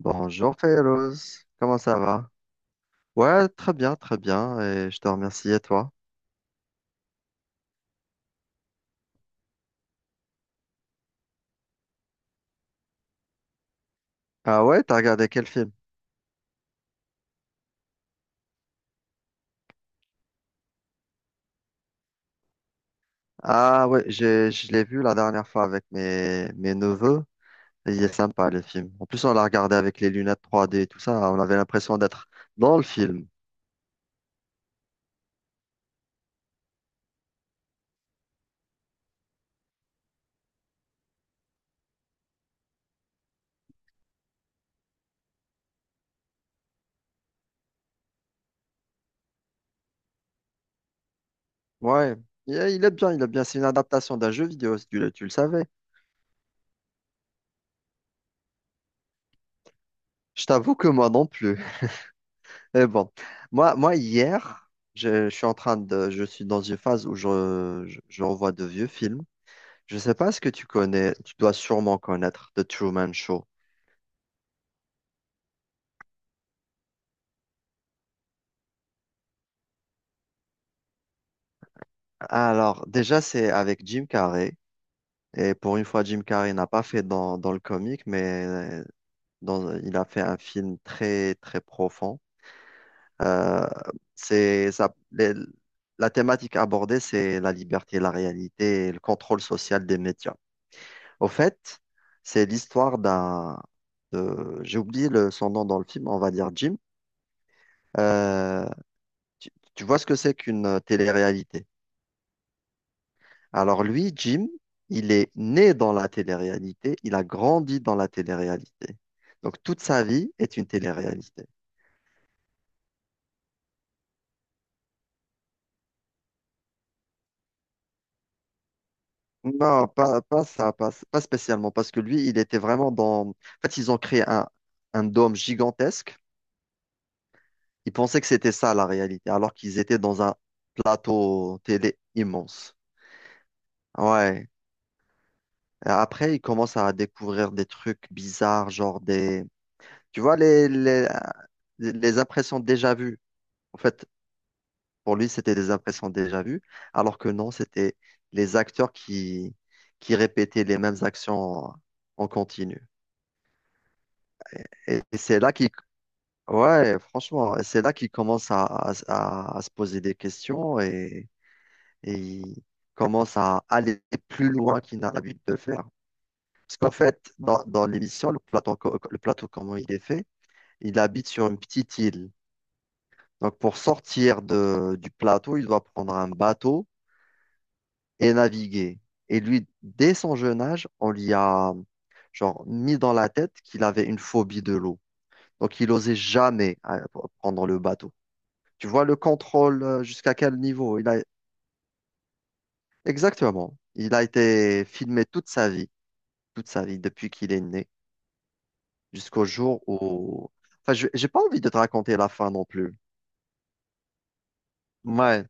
Bonjour Férouz, comment ça va? Ouais, très bien, et je te remercie, et toi? Ah ouais, t'as regardé quel film? Ah ouais, je l'ai vu la dernière fois avec mes neveux, et il est sympa le film. En plus, on l'a regardé avec les lunettes 3D et tout ça, on avait l'impression d'être dans le film. Ouais, il est bien, il est bien, c'est une adaptation d'un jeu vidéo, si tu le savais. Je t'avoue que moi non plus. Mais bon, moi hier, je suis en train je suis dans une phase où je revois de vieux films. Je sais pas ce que tu connais, tu dois sûrement connaître The Truman Show. Alors, déjà, c'est avec Jim Carrey. Et pour une fois, Jim Carrey n'a pas fait dans le comique, mais dans, il a fait un film très, très profond. Euh, c'est ça, la thématique abordée, c'est la liberté, la réalité et le contrôle social des médias. Au fait, c'est l'histoire j'ai oublié son nom dans le film, on va dire Jim. Euh, tu tu vois ce que c'est qu'une télé-réalité? Alors lui, Jim, il est né dans la télé-réalité, il a grandi dans la télé-réalité. Donc toute sa vie est une télé-réalité. Non, pas ça, pas spécialement, parce que lui, il était vraiment dans... En fait, ils ont créé un dôme gigantesque. Ils pensaient que c'était ça la réalité, alors qu'ils étaient dans un plateau télé immense. Ouais. Après, ils commencent à découvrir des trucs bizarres, genre des... Tu vois, les impressions déjà vues. En fait, pour lui, c'était des impressions déjà vues, alors que non, c'était les acteurs qui répétaient les mêmes actions en en continu. Et c'est là ouais, franchement, c'est là qu'il commence à, à se poser des questions et il commence à aller plus loin qu'il n'a l'habitude de faire. Parce qu'en fait, dans l'émission, le plateau, comment il est fait, il habite sur une petite île. Donc, pour sortir du plateau, il doit prendre un bateau et naviguer. Et lui, dès son jeune âge, on lui a genre mis dans la tête qu'il avait une phobie de l'eau. Donc il n'osait jamais prendre le bateau. Tu vois le contrôle jusqu'à quel niveau? Il a... Exactement. Il a été filmé toute sa vie, depuis qu'il est né, jusqu'au jour où... Enfin, je j'ai pas envie de te raconter la fin non plus. Ouais.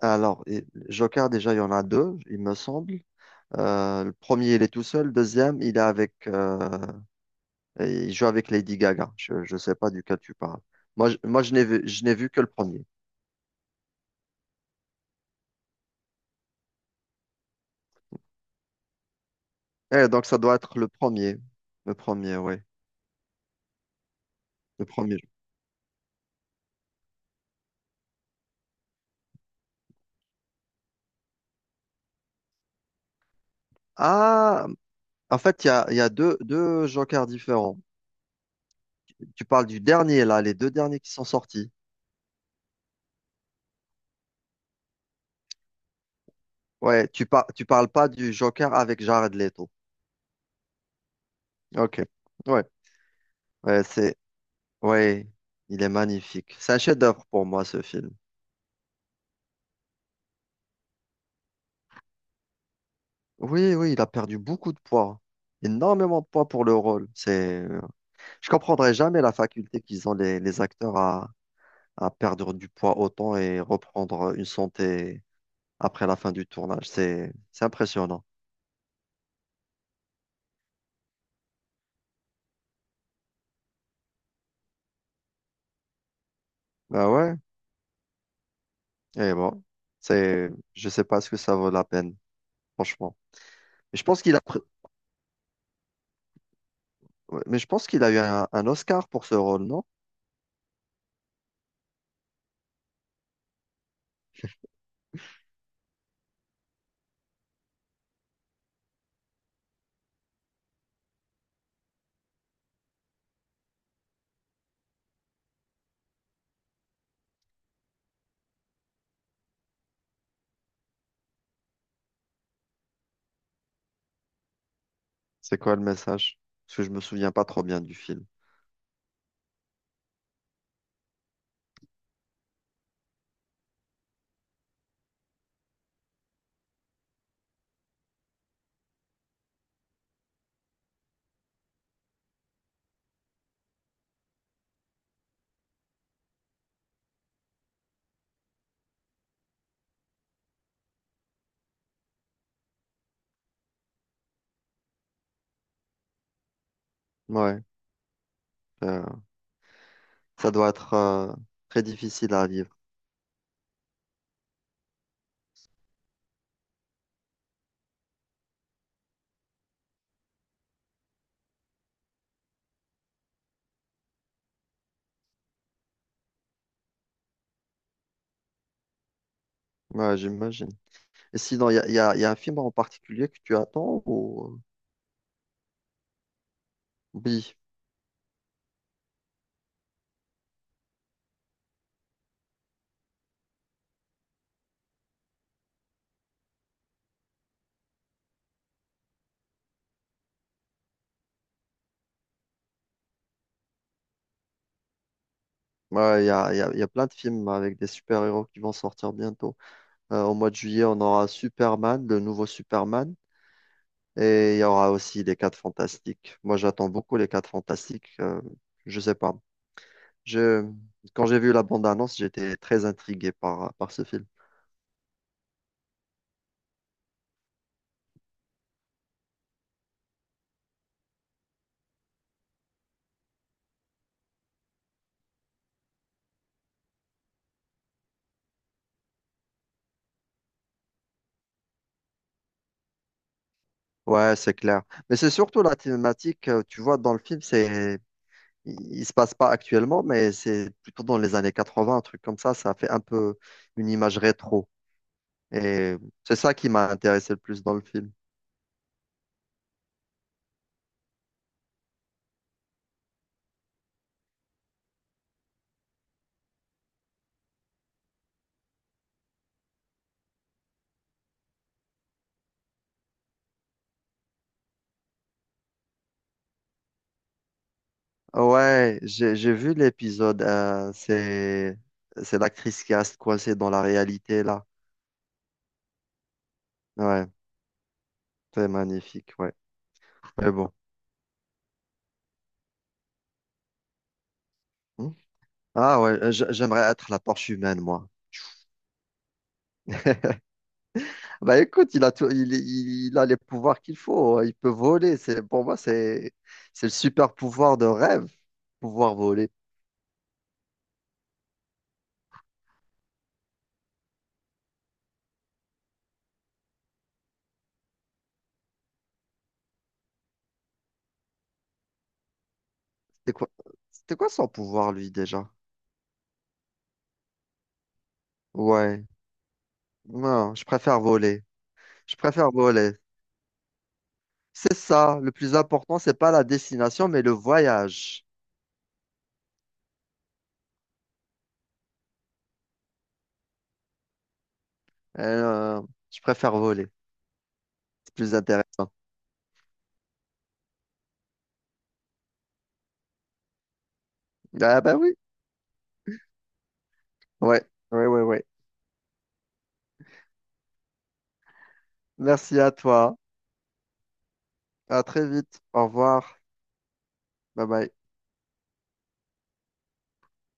Joker, déjà, il y en a deux, il me semble. Le premier, il est tout seul. Le deuxième, il est avec et il joue avec Lady Gaga. Je sais pas duquel tu parles. Moi, je n'ai vu que le premier. Eh, donc, ça doit être le premier. Le premier, oui. Le premier. Ah, en fait, il y a deux jokers différents. Tu parles du dernier, là, les deux derniers qui sont sortis. Ouais, tu parles pas du joker avec Jared Leto. Ok. Ouais. Ouais, ouais, il est magnifique. C'est un chef-d'œuvre pour moi, ce film. Oui, oui, il a perdu beaucoup de poids. Énormément de poids pour le rôle. C'est, je comprendrai jamais la faculté qu'ils ont les acteurs à perdre du poids autant et reprendre une santé après la fin du tournage. C'est impressionnant. Bah ouais, et bon, je sais pas ce que ça vaut la peine, franchement. Mais je pense qu'il a, pr- ouais, mais je pense qu'il a eu un Oscar pour ce rôle, non? C'est quoi le message? Parce que je me souviens pas trop bien du film. Ouais, euh, ça doit être très difficile à vivre. Ouais, j'imagine. Et sinon, y a un film en particulier que tu attends ou... Oui. Ouais, il y a plein de films bah, avec des super-héros qui vont sortir bientôt. Au mois de juillet, on aura Superman, le nouveau Superman, et il y aura aussi les Quatre Fantastiques. Moi, j'attends beaucoup les Quatre Fantastiques. Je sais pas. Je, quand j'ai vu la bande-annonce, j'étais très intrigué par ce film. Ouais, c'est clair. Mais c'est surtout la thématique, tu vois, dans le film, c'est il se passe pas actuellement, mais c'est plutôt dans les années 80, un truc comme ça. Ça fait un peu une image rétro. Et c'est ça qui m'a intéressé le plus dans le film. Ouais, j'ai vu l'épisode. C'est l'actrice qui reste coincée dans la réalité là. Ouais, c'est magnifique. Ouais, mais bon. Hmm. Ah ouais, j'aimerais être la torche humaine moi. Bah écoute, il a tout, il a les pouvoirs qu'il faut, hein. Il peut voler. C'est pour moi c'est le super pouvoir de rêve, pouvoir voler. C'était quoi, c'était quoi son pouvoir, lui, déjà? Ouais. Non, je préfère voler. Je préfère voler. C'est ça. Le plus important, c'est pas la destination, mais le voyage. Euh, je préfère voler. C'est plus intéressant. Ah, bah oui. Ouais. Ouais, ouais, ouais. Merci à toi. À très vite. Au revoir. Bye bye.